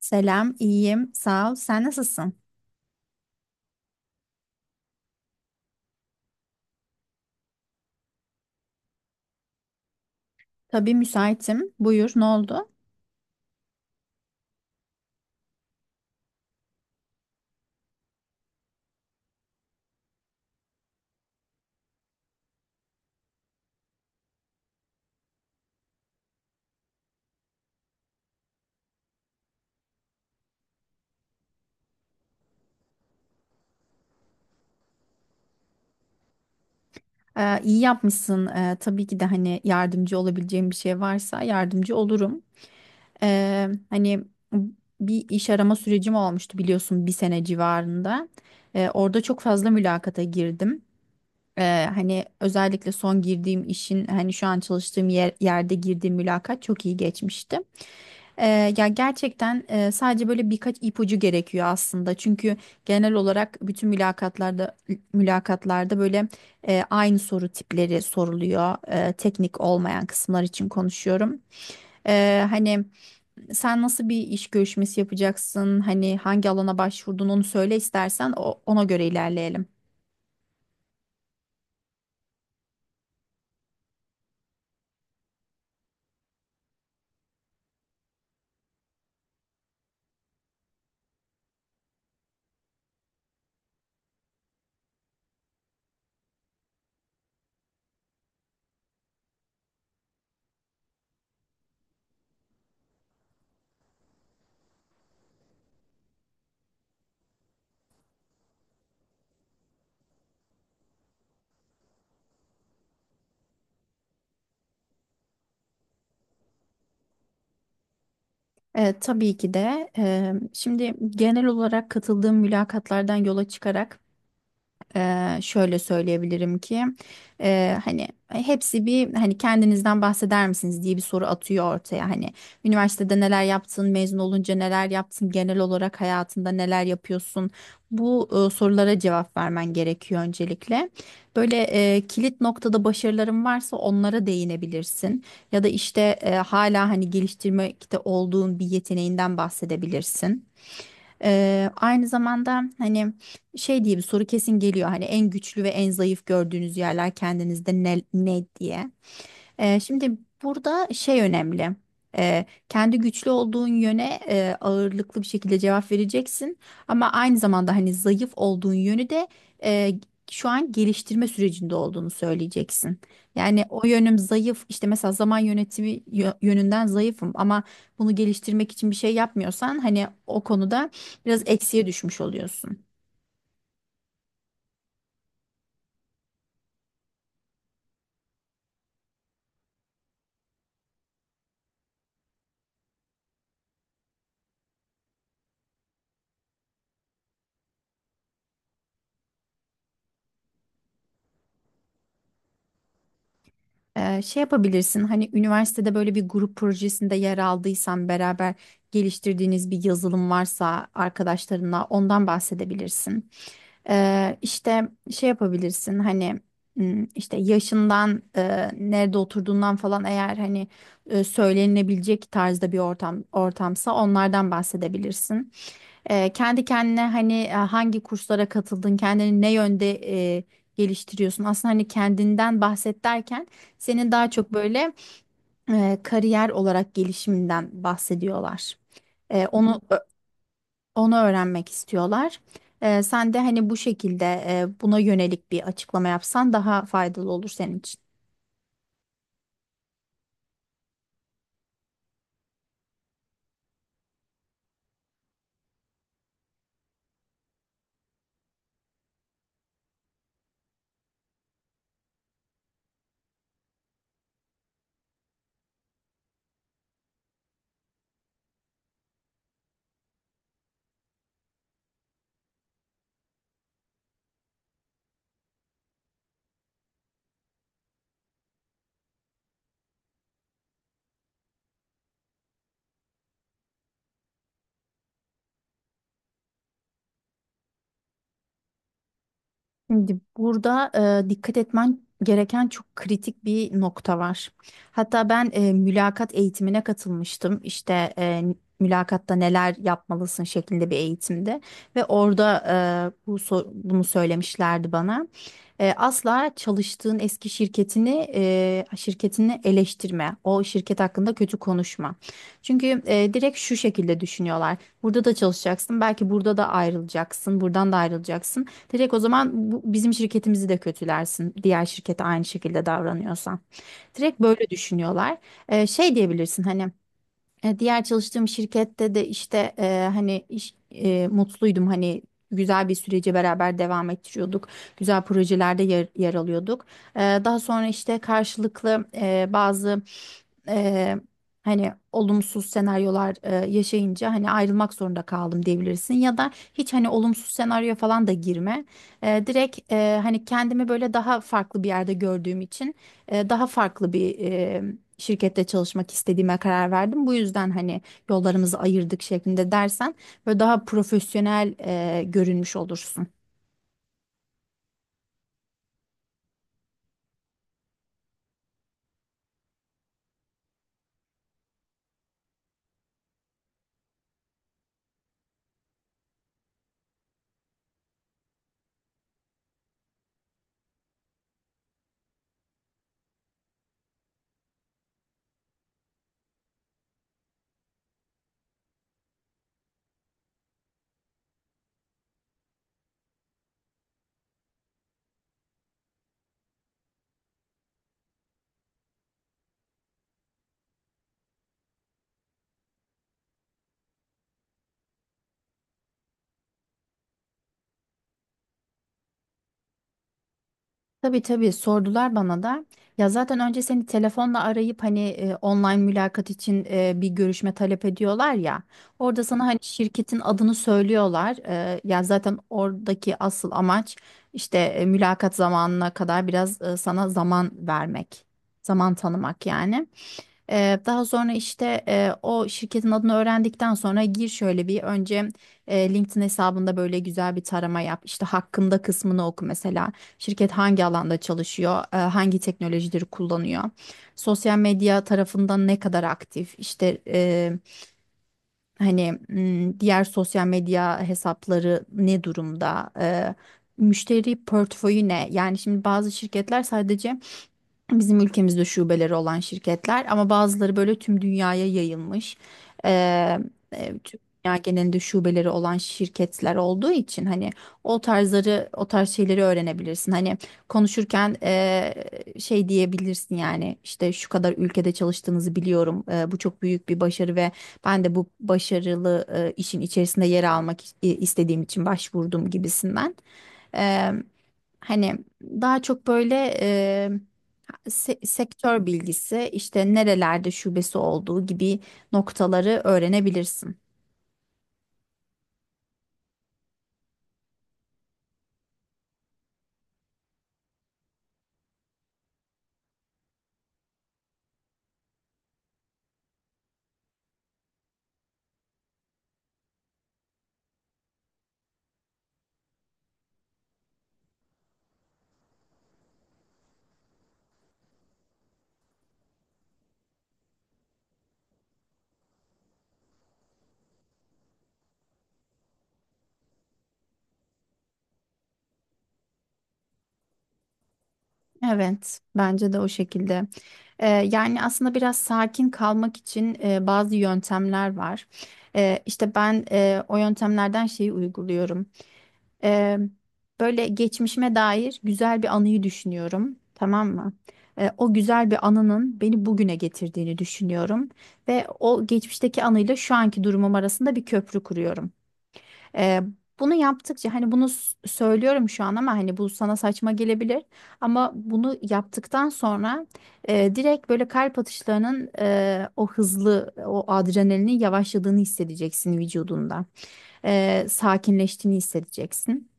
Selam, iyiyim, sağ ol. Sen nasılsın? Tabii müsaitim. Buyur, ne oldu? İyi yapmışsın. Tabii ki de hani yardımcı olabileceğim bir şey varsa yardımcı olurum. Hani bir iş arama sürecim olmuştu biliyorsun bir sene civarında. Orada çok fazla mülakata girdim. Hani özellikle son girdiğim işin hani şu an çalıştığım yerde girdiğim mülakat çok iyi geçmişti. Ya gerçekten sadece böyle birkaç ipucu gerekiyor aslında. Çünkü genel olarak bütün mülakatlarda böyle aynı soru tipleri soruluyor. E, teknik olmayan kısımlar için konuşuyorum. Hani sen nasıl bir iş görüşmesi yapacaksın? Hani hangi alana başvurdun onu söyle istersen ona göre ilerleyelim. E, tabii ki de. Şimdi genel olarak katıldığım mülakatlardan yola çıkarak şöyle söyleyebilirim ki hani hepsi bir hani kendinizden bahseder misiniz diye bir soru atıyor ortaya, hani üniversitede neler yaptın, mezun olunca neler yaptın, genel olarak hayatında neler yapıyorsun, bu sorulara cevap vermen gerekiyor öncelikle. Böyle kilit noktada başarıların varsa onlara değinebilirsin, ya da işte hala hani geliştirmekte olduğun bir yeteneğinden bahsedebilirsin. Aynı zamanda hani şey diye bir soru kesin geliyor. Hani en güçlü ve en zayıf gördüğünüz yerler kendinizde ne, ne diye. Şimdi burada şey önemli. Kendi güçlü olduğun yöne ağırlıklı bir şekilde cevap vereceksin. Ama aynı zamanda hani zayıf olduğun yönü de e, şu an geliştirme sürecinde olduğunu söyleyeceksin. Yani o yönüm zayıf işte mesela zaman yönetimi yönünden zayıfım, ama bunu geliştirmek için bir şey yapmıyorsan hani o konuda biraz eksiye düşmüş oluyorsun. Şey yapabilirsin hani üniversitede böyle bir grup projesinde yer aldıysan beraber geliştirdiğiniz bir yazılım varsa arkadaşlarınla ondan bahsedebilirsin. İşte şey yapabilirsin hani işte yaşından, nerede oturduğundan falan, eğer hani söylenebilecek tarzda bir ortamsa onlardan bahsedebilirsin. E, kendi kendine hani hangi kurslara katıldın, kendini ne yönde e, geliştiriyorsun? Aslında hani kendinden bahset derken senin daha çok böyle kariyer olarak gelişiminden bahsediyorlar. E, onu ö- Onu öğrenmek istiyorlar. E, sen de hani bu şekilde buna yönelik bir açıklama yapsan daha faydalı olur senin için. Şimdi burada dikkat etmen gereken çok kritik bir nokta var. Hatta ben mülakat eğitimine katılmıştım. İşte mülakatta neler yapmalısın şeklinde bir eğitimde, ve orada bunu söylemişlerdi bana. E, asla çalıştığın eski şirketini eleştirme. O şirket hakkında kötü konuşma. Çünkü direkt şu şekilde düşünüyorlar. Burada da çalışacaksın, belki burada da ayrılacaksın, buradan da ayrılacaksın. Direkt o zaman bu, bizim şirketimizi de kötülersin. Diğer şirkete aynı şekilde davranıyorsan. Direkt böyle düşünüyorlar. Şey diyebilirsin hani. E, diğer çalıştığım şirkette de işte mutluydum, hani güzel bir süreci beraber devam ettiriyorduk. Güzel projelerde yer alıyorduk. E, daha sonra işte karşılıklı bazı e, hani olumsuz senaryolar yaşayınca hani ayrılmak zorunda kaldım diyebilirsin. Ya da hiç hani olumsuz senaryo falan da girme. Hani kendimi böyle daha farklı bir yerde gördüğüm için daha farklı bir şirkette çalışmak istediğime karar verdim. Bu yüzden hani yollarımızı ayırdık şeklinde dersen böyle daha profesyonel görünmüş olursun. Tabii tabii, sordular bana da. Ya zaten önce seni telefonla arayıp hani online mülakat için bir görüşme talep ediyorlar ya. Orada sana hani şirketin adını söylüyorlar. E, ya zaten oradaki asıl amaç işte mülakat zamanına kadar biraz sana zaman vermek, zaman tanımak yani. Daha sonra işte o şirketin adını öğrendikten sonra gir, şöyle bir önce LinkedIn hesabında böyle güzel bir tarama yap. İşte hakkında kısmını oku mesela. Şirket hangi alanda çalışıyor, hangi teknolojileri kullanıyor. Sosyal medya tarafından ne kadar aktif, işte diğer sosyal medya hesapları ne durumda, müşteri portföyü ne? Yani şimdi bazı şirketler sadece bizim ülkemizde şubeleri olan şirketler ama bazıları böyle tüm dünyaya yayılmış. Ee, Tüm dünya genelinde şubeleri olan şirketler olduğu için hani o tarzları, o tarz şeyleri öğrenebilirsin. Hani konuşurken şey diyebilirsin yani, işte şu kadar ülkede çalıştığınızı biliyorum. E, bu çok büyük bir başarı ve ben de bu başarılı işin içerisinde yer almak istediğim için başvurdum gibisinden. Ee, Hani daha çok böyle sektör bilgisi, işte nerelerde şubesi olduğu gibi noktaları öğrenebilirsin. Evet, bence de o şekilde. Yani aslında biraz sakin kalmak için bazı yöntemler var. İşte ben o yöntemlerden şeyi uyguluyorum. Ee, Böyle geçmişime dair güzel bir anıyı düşünüyorum, tamam mı? O güzel bir anının beni bugüne getirdiğini düşünüyorum ve o geçmişteki anıyla şu anki durumum arasında bir köprü kuruyorum. Ee, Bunu yaptıkça hani söylüyorum şu an, ama hani bu sana saçma gelebilir, ama bunu yaptıktan sonra direkt böyle kalp atışlarının, o hızlı o adrenalinin yavaşladığını hissedeceksin vücudunda. Sakinleştiğini hissedeceksin.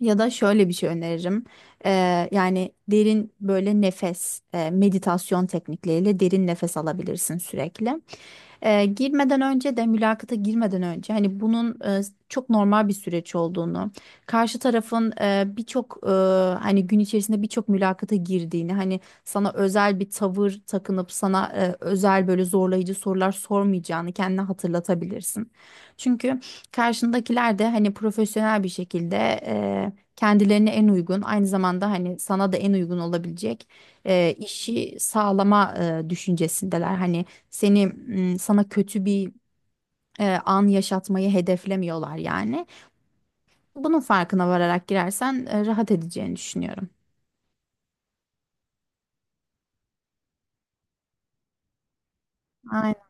Ya da şöyle bir şey öneririm. Yani derin böyle nefes, meditasyon teknikleriyle derin nefes alabilirsin sürekli. E, girmeden önce de, mülakata girmeden önce hani bunun çok normal bir süreç olduğunu, karşı tarafın hani gün içerisinde birçok mülakata girdiğini, hani sana özel bir tavır takınıp sana özel böyle zorlayıcı sorular sormayacağını kendine hatırlatabilirsin. Çünkü karşındakiler de hani profesyonel bir şekilde kendilerine en uygun, aynı zamanda hani sana da en uygun olabilecek işi sağlama düşüncesindeler. Hani sana kötü bir an yaşatmayı hedeflemiyorlar yani. Bunun farkına vararak girersen rahat edeceğini düşünüyorum. Aynen.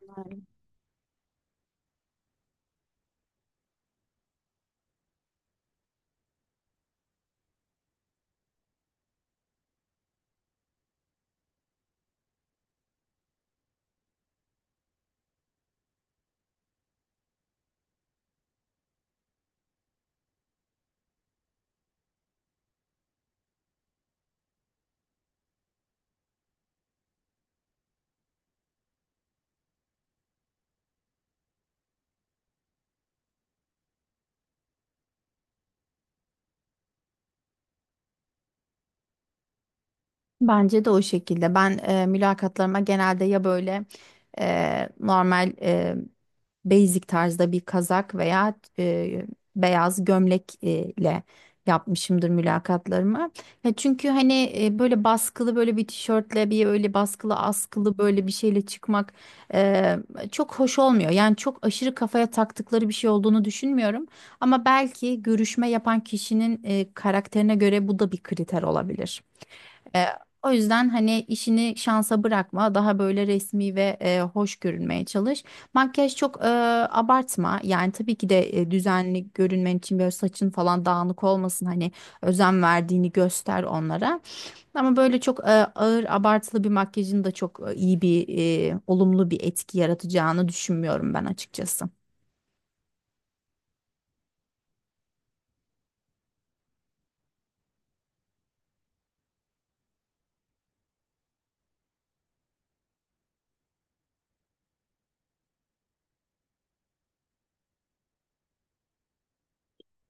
Bence de o şekilde. Ben mülakatlarıma genelde ya böyle e, normal e, basic tarzda bir kazak veya beyaz gömlek ile yapmışımdır mülakatlarımı. Ya çünkü hani böyle baskılı böyle bir tişörtle bir öyle baskılı askılı böyle bir şeyle çıkmak e, çok hoş olmuyor. Yani çok aşırı kafaya taktıkları bir şey olduğunu düşünmüyorum. Ama belki görüşme yapan kişinin karakterine göre bu da bir kriter olabilir. E, O yüzden hani işini şansa bırakma. Daha böyle resmi ve hoş görünmeye çalış. Makyaj çok abartma. Yani tabii ki de düzenli görünmen için böyle saçın falan dağınık olmasın. Hani özen verdiğini göster onlara. Ama böyle çok ağır abartılı bir makyajın da çok olumlu bir etki yaratacağını düşünmüyorum ben açıkçası.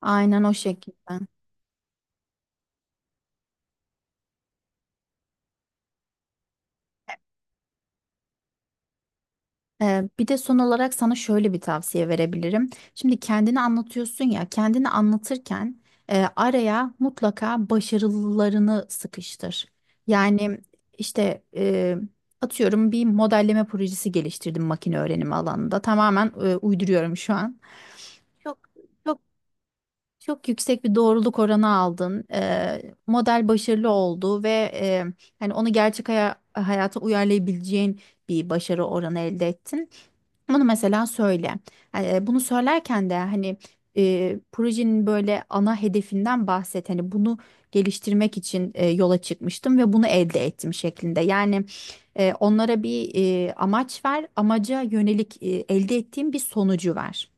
Aynen o şekilde. Bir de son olarak sana şöyle bir tavsiye verebilirim. Şimdi kendini anlatıyorsun ya, kendini anlatırken araya mutlaka başarılarını sıkıştır. Yani işte atıyorum bir modelleme projesi geliştirdim makine öğrenimi alanında. Tamamen uyduruyorum şu an. Çok çok çok yüksek bir doğruluk oranı aldın. Model başarılı oldu ve e, hani onu gerçek hayata uyarlayabileceğin bir başarı oranı elde ettin. Bunu mesela söyle. Hani bunu söylerken de hani projenin böyle ana hedefinden bahset. Hani bunu geliştirmek için yola çıkmıştım ve bunu elde ettim şeklinde. Yani onlara bir amaç ver, amaca yönelik elde ettiğim bir sonucu ver.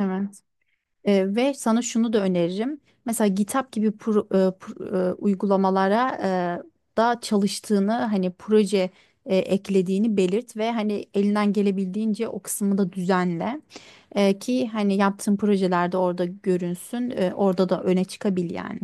Evet. E, ve sana şunu da öneririm. Mesela GitHub gibi uygulamalara da çalıştığını, hani proje eklediğini belirt ve hani elinden gelebildiğince o kısmı da düzenle. E, ki hani yaptığın projelerde orada görünsün, orada da öne çıkabil yani.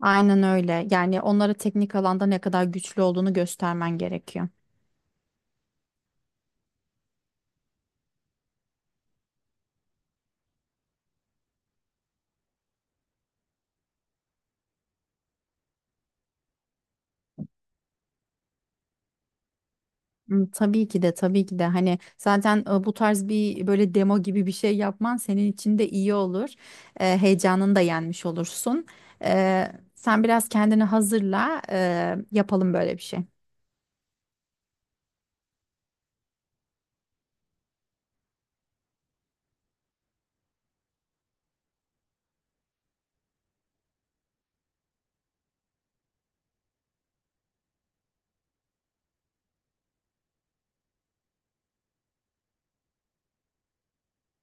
Aynen öyle. Yani onlara teknik alanda ne kadar güçlü olduğunu göstermen gerekiyor. Hmm, tabii ki de, tabii ki de, hani zaten bu tarz bir böyle demo gibi bir şey yapman senin için de iyi olur. Heyecanını da yenmiş olursun. Sen biraz kendini hazırla, yapalım böyle bir şey.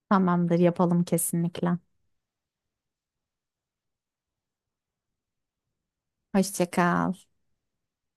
Tamamdır, yapalım kesinlikle. Hoşça kal.